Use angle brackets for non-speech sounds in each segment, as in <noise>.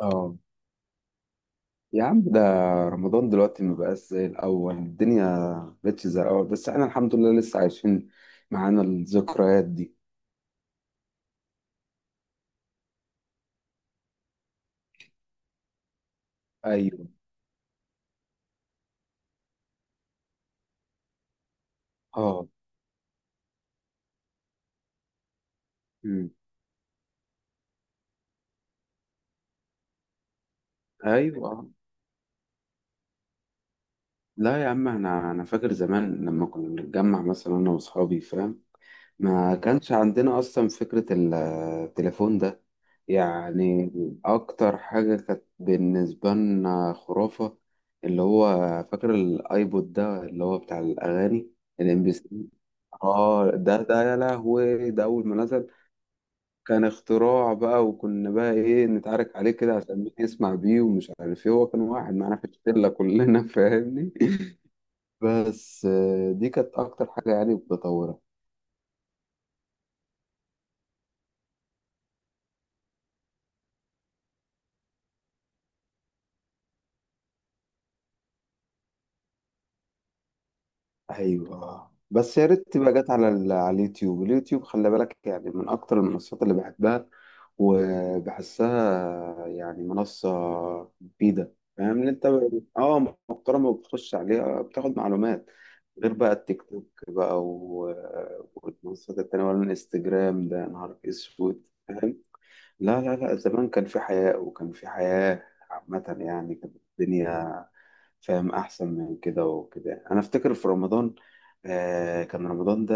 اه، يا عم ده. رمضان دلوقتي ما بقاش زي الأول، الدنيا ما بقتش زي الأول بس احنا الحمد لله لسه عايشين معانا الذكريات دي. أيوه، اه، أمم. أيوه، لا يا عم، أنا فاكر زمان لما كنا بنتجمع مثلا أنا وأصحابي، فاهم؟ ما كانش عندنا أصلا فكرة التليفون ده يعني. أكتر حاجة كانت بالنسبة لنا خرافة، اللي هو فاكر الأيبود ده اللي هو بتاع الأغاني. الام اه ده يا لهوي، ده اول ما نزل كان اختراع بقى. وكنا بقى ايه نتعارك عليه كده عشان مين يسمع بيه ومش عارف ايه، هو كان واحد معانا في الشله كلنا <laughs> فاهمني. بس آه، دي كانت اكتر حاجه يعني بتطورها. ايوه، بس يا ريت تبقى جت على اليوتيوب. اليوتيوب خلي بالك، يعني من اكتر المنصات اللي بحبها وبحسها يعني منصة مفيدة. فاهم ان انت، اه محترمة وبتخش عليها بتاخد معلومات. غير بقى التيك توك بقى والمنصات التانية ولا الانستجرام، ده يا نهار اسود. لا لا لا، زمان كان في حياء وكان في حياة عامة يعني، كانت الدنيا فاهم أحسن من كده. وكده أنا أفتكر في رمضان، كان رمضان ده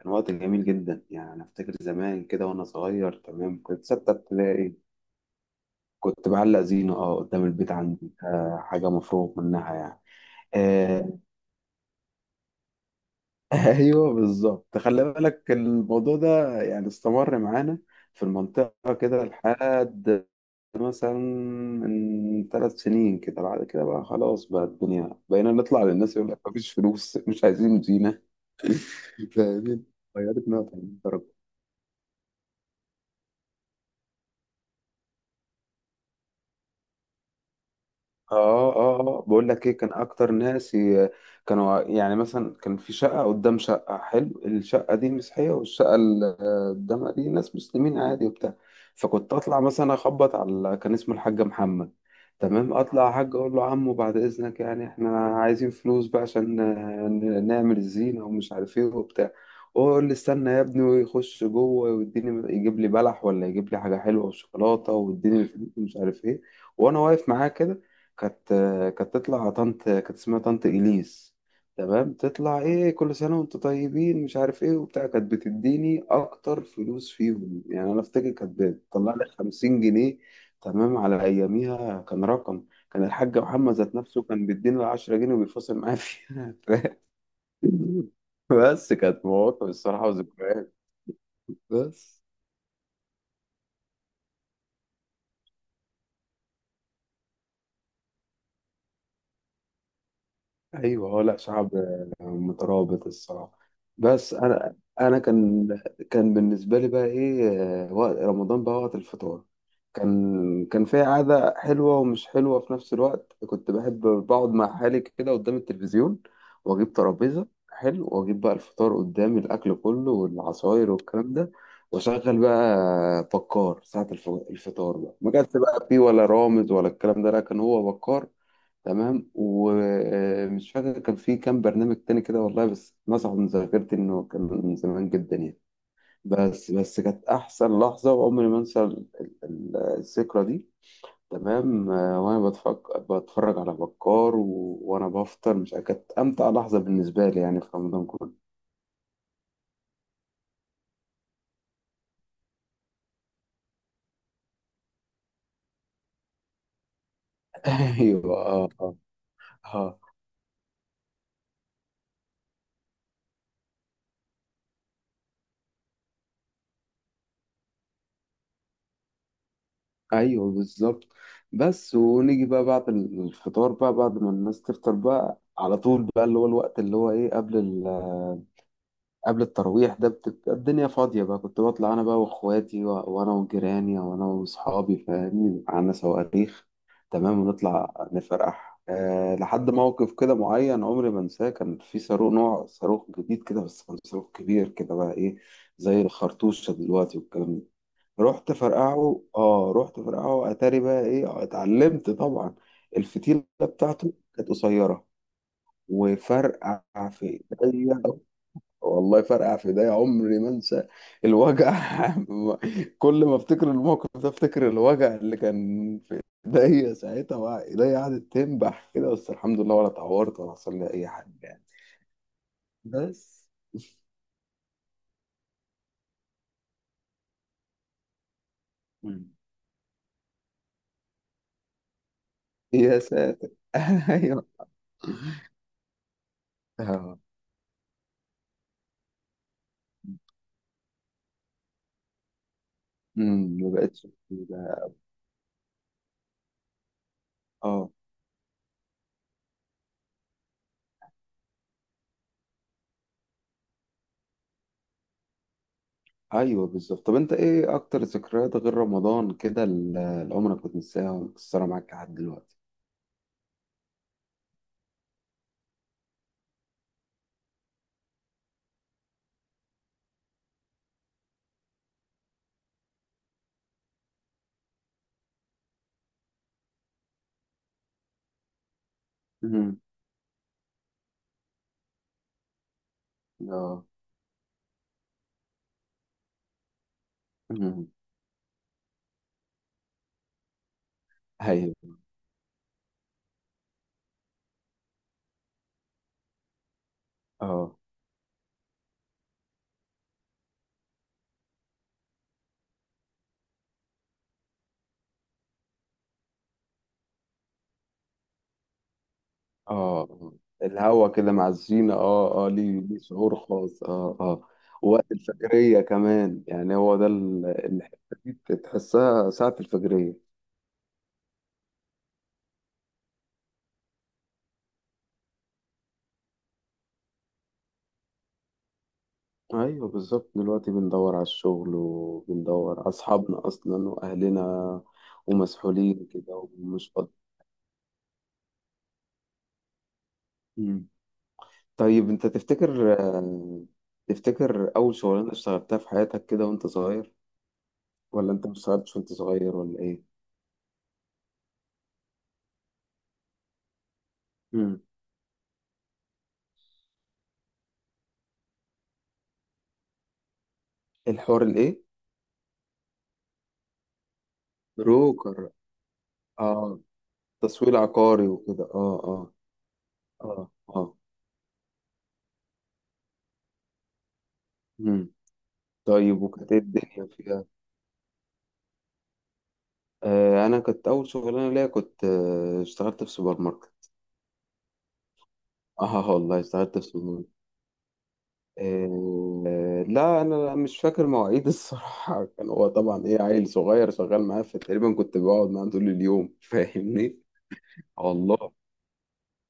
كان وقت جميل جدا يعني. أنا أفتكر زمان كده وأنا صغير، تمام، كنت 6 ابتدائي. كنت بعلق زينة، أه، قدام البيت عندي، حاجة مفروغ منها يعني. آه <laughs> أيوه بالظبط، خلي بالك الموضوع ده يعني استمر معانا في المنطقة كده لحد مثلا من 3 سنين كده. بعد كده بقى خلاص بقى الدنيا، بقينا نطلع للناس يقول لك مفيش فلوس، مش عايزين زينة <laughs> فاهمين؟ غيرت 180 درجة. اه اه اه، بقول لك ايه، كان اكتر ناس كانوا يعني مثلا، كان في شقه قدام شقه حلو، الشقه دي مسيحيه والشقه اللي قدامها دي ناس مسلمين عادي وبتاع. فكنت اطلع مثلا اخبط على، كان اسمه الحاج محمد، تمام، اطلع يا حاج اقول له عمو بعد اذنك يعني احنا عايزين فلوس بقى عشان نعمل الزينه ومش عارف ايه وبتاع. هو يقول لي استنى يا ابني ويخش جوه ويديني، يجيب لي بلح ولا يجيب لي حاجه حلوه وشوكولاته ويديني الفلوس ومش عارف ايه. وانا واقف معاه كده، كانت كانت تطلع طنط، كانت اسمها طنط إليس، تمام، تطلع ايه كل سنة وانتوا طيبين مش عارف ايه وبتاع، كانت بتديني اكتر فلوس فيهم، يعني انا افتكر كانت بتطلع لي 50 جنيه. تمام، على اياميها كان رقم. كان الحاج محمد ذات نفسه كان بيدينا 10 جنيه وبيفاصل معايا فيها <laughs> بس كانت مواقف الصراحة، وذكريات. بس ايوه، هو لا شعب، مترابط الصراحه. بس انا كان بالنسبه لي بقى ايه، وقت رمضان بقى وقت الفطار. كان في عاده حلوه ومش حلوه في نفس الوقت، كنت بحب بقعد مع حالي كده قدام التلفزيون واجيب ترابيزه حلو واجيب بقى الفطار قدامي، الاكل كله والعصاير والكلام ده، واشغل بقى بكار ساعه الفطار. بقى ما كانش بقى فيه ولا رامز ولا الكلام ده، لا كان هو بكار. تمام، ومش فاكر كان في كام برنامج تاني كده والله، بس مسحوا من ذاكرتي انه كان من زمان جدا يعني. بس كانت احسن لحظه وعمري ما انسى الذكرى دي. تمام، وانا بتفرج على بكار وانا بفطر مش عارف، كانت امتع لحظه بالنسبه لي يعني في رمضان كله. <laughs> ايوه، اه، اه. آه. ايوه بالظبط. بس ونيجي بقى بعد الفطار بقى، بعد ما الناس تفطر بقى على طول بقى، اللي هو الوقت اللي هو ايه، قبل الترويح ده، بتبقى الدنيا فاضية بقى. كنت بطلع أنا بقى وإخواتي وأنا وجيراني وأنا وأصحابي، فاهمني، بيبقى عندنا صواريخ. تمام، ونطلع نفرح. أه، لحد موقف كده معين عمري ما أنساه، كان في صاروخ، نوع صاروخ جديد كده بس، كان صاروخ كبير كده بقى إيه زي الخرطوشة دلوقتي والكلام ده. رحت فرقعه، آه رحت فرقعه، أتاري بقى إيه اتعلمت طبعا، الفتيلة بتاعته كانت قصيرة وفرقع في إيديا. والله فرقع في ايديا، عمري ما انسى الوجع <laughs> كل ما افتكر الموقف ده افتكر الوجع اللي كان في ايديا ساعتها. ايديا قعدت تنبح كده، بس الحمد لله ولا اتعورت ولا حصل لي اي حاجه يعني. بس مم. يا ساتر <laughs> ايوه. اه. امم، ما بقتش كده. اه. ايوه بالظبط. طب انت ايه اكتر ذكريات غير رمضان كده، اللي عمرك ما تنساها ومكسره معاك لحد دلوقتي؟ امم. اه. امم. ايوه، اه اه، الهوا كده مع الزينة، اه اه، ليه ليه شعور خاص، اه اه. وقت الفجرية كمان يعني، هو ده الحتة دي تحسها ساعة الفجرية. ايوه بالظبط، دلوقتي بندور على الشغل وبندور على اصحابنا اصلا واهلنا، ومسحولين كده ومش فاضي. مم. طيب انت تفتكر، تفتكر اول شغلانة اشتغلتها في حياتك كده وانت صغير، ولا انت ما اشتغلتش وانت صغير، ولا ايه؟ مم. الحوار الايه؟ بروكر. اه، تسويق عقاري وكده، اه اه، اه اه. مم. طيب وكانت ايه الدنيا فيها. آه، انا كنت اول شغلانه ليا كنت اشتغلت في سوبر ماركت. اه والله، اشتغلت في سوبر ماركت. آه لا انا مش فاكر مواعيد <laughs> الصراحه، كان هو طبعا ايه عيل صغير شغال معاه، فتقريبا كنت بقعد معاه طول اليوم <laughs> فاهمني. والله،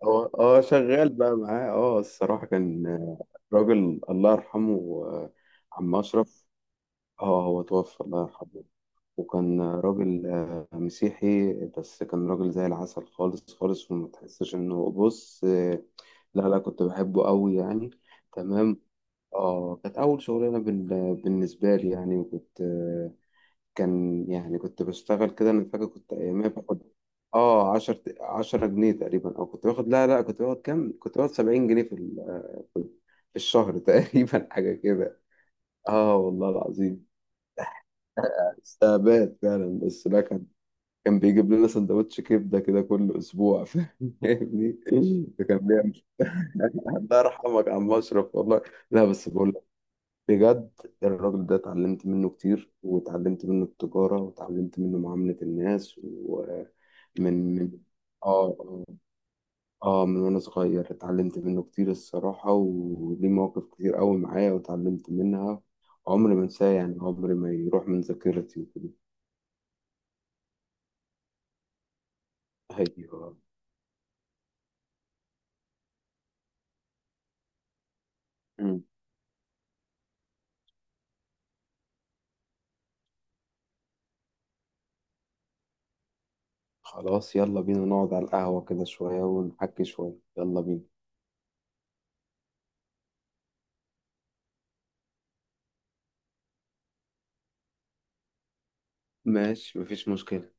اه اه، شغال بقى معاه، اه، الصراحه كان راجل الله يرحمه، عم اشرف. اه، هو توفى الله يرحمه. وكان راجل، مسيحي، بس كان راجل زي العسل خالص خالص، وما تحسش انه بص، لا لا، كنت بحبه قوي يعني. تمام، اه كانت اول شغلانه بالنسبه لي يعني. وكنت كان يعني كنت بشتغل كده، انا فاكر كنت ايامها باخد، اه، 10 10 جنيه تقريبا، او كنت باخد لا لا كنت باخد كام، كنت باخد 70 جنيه في في الشهر <laughs> تقريبا حاجه كده. اه والله العظيم. استعباد فعلا، بس لا كان بيجيب لنا سندوتش كبده كده كل اسبوع <laughs> فاهمني. كان بيعمل <laughs> الله يرحمك يا عم اشرف والله. لا بس بقول لك بجد، الراجل ده اتعلمت منه كتير واتعلمت منه التجاره واتعلمت منه معامله الناس ومن من اه اه، من وانا صغير اتعلمت منه كتير الصراحه، وليه مواقف كتير قوي معايا واتعلمت منها. عمري ما انساه يعني، عمري ما يروح من ذاكرتي وكده. ايوه خلاص، يلا بينا نقعد على القهوة كده شوية ونحكي شوية، يلا بينا. ماشي مفيش مشكلة.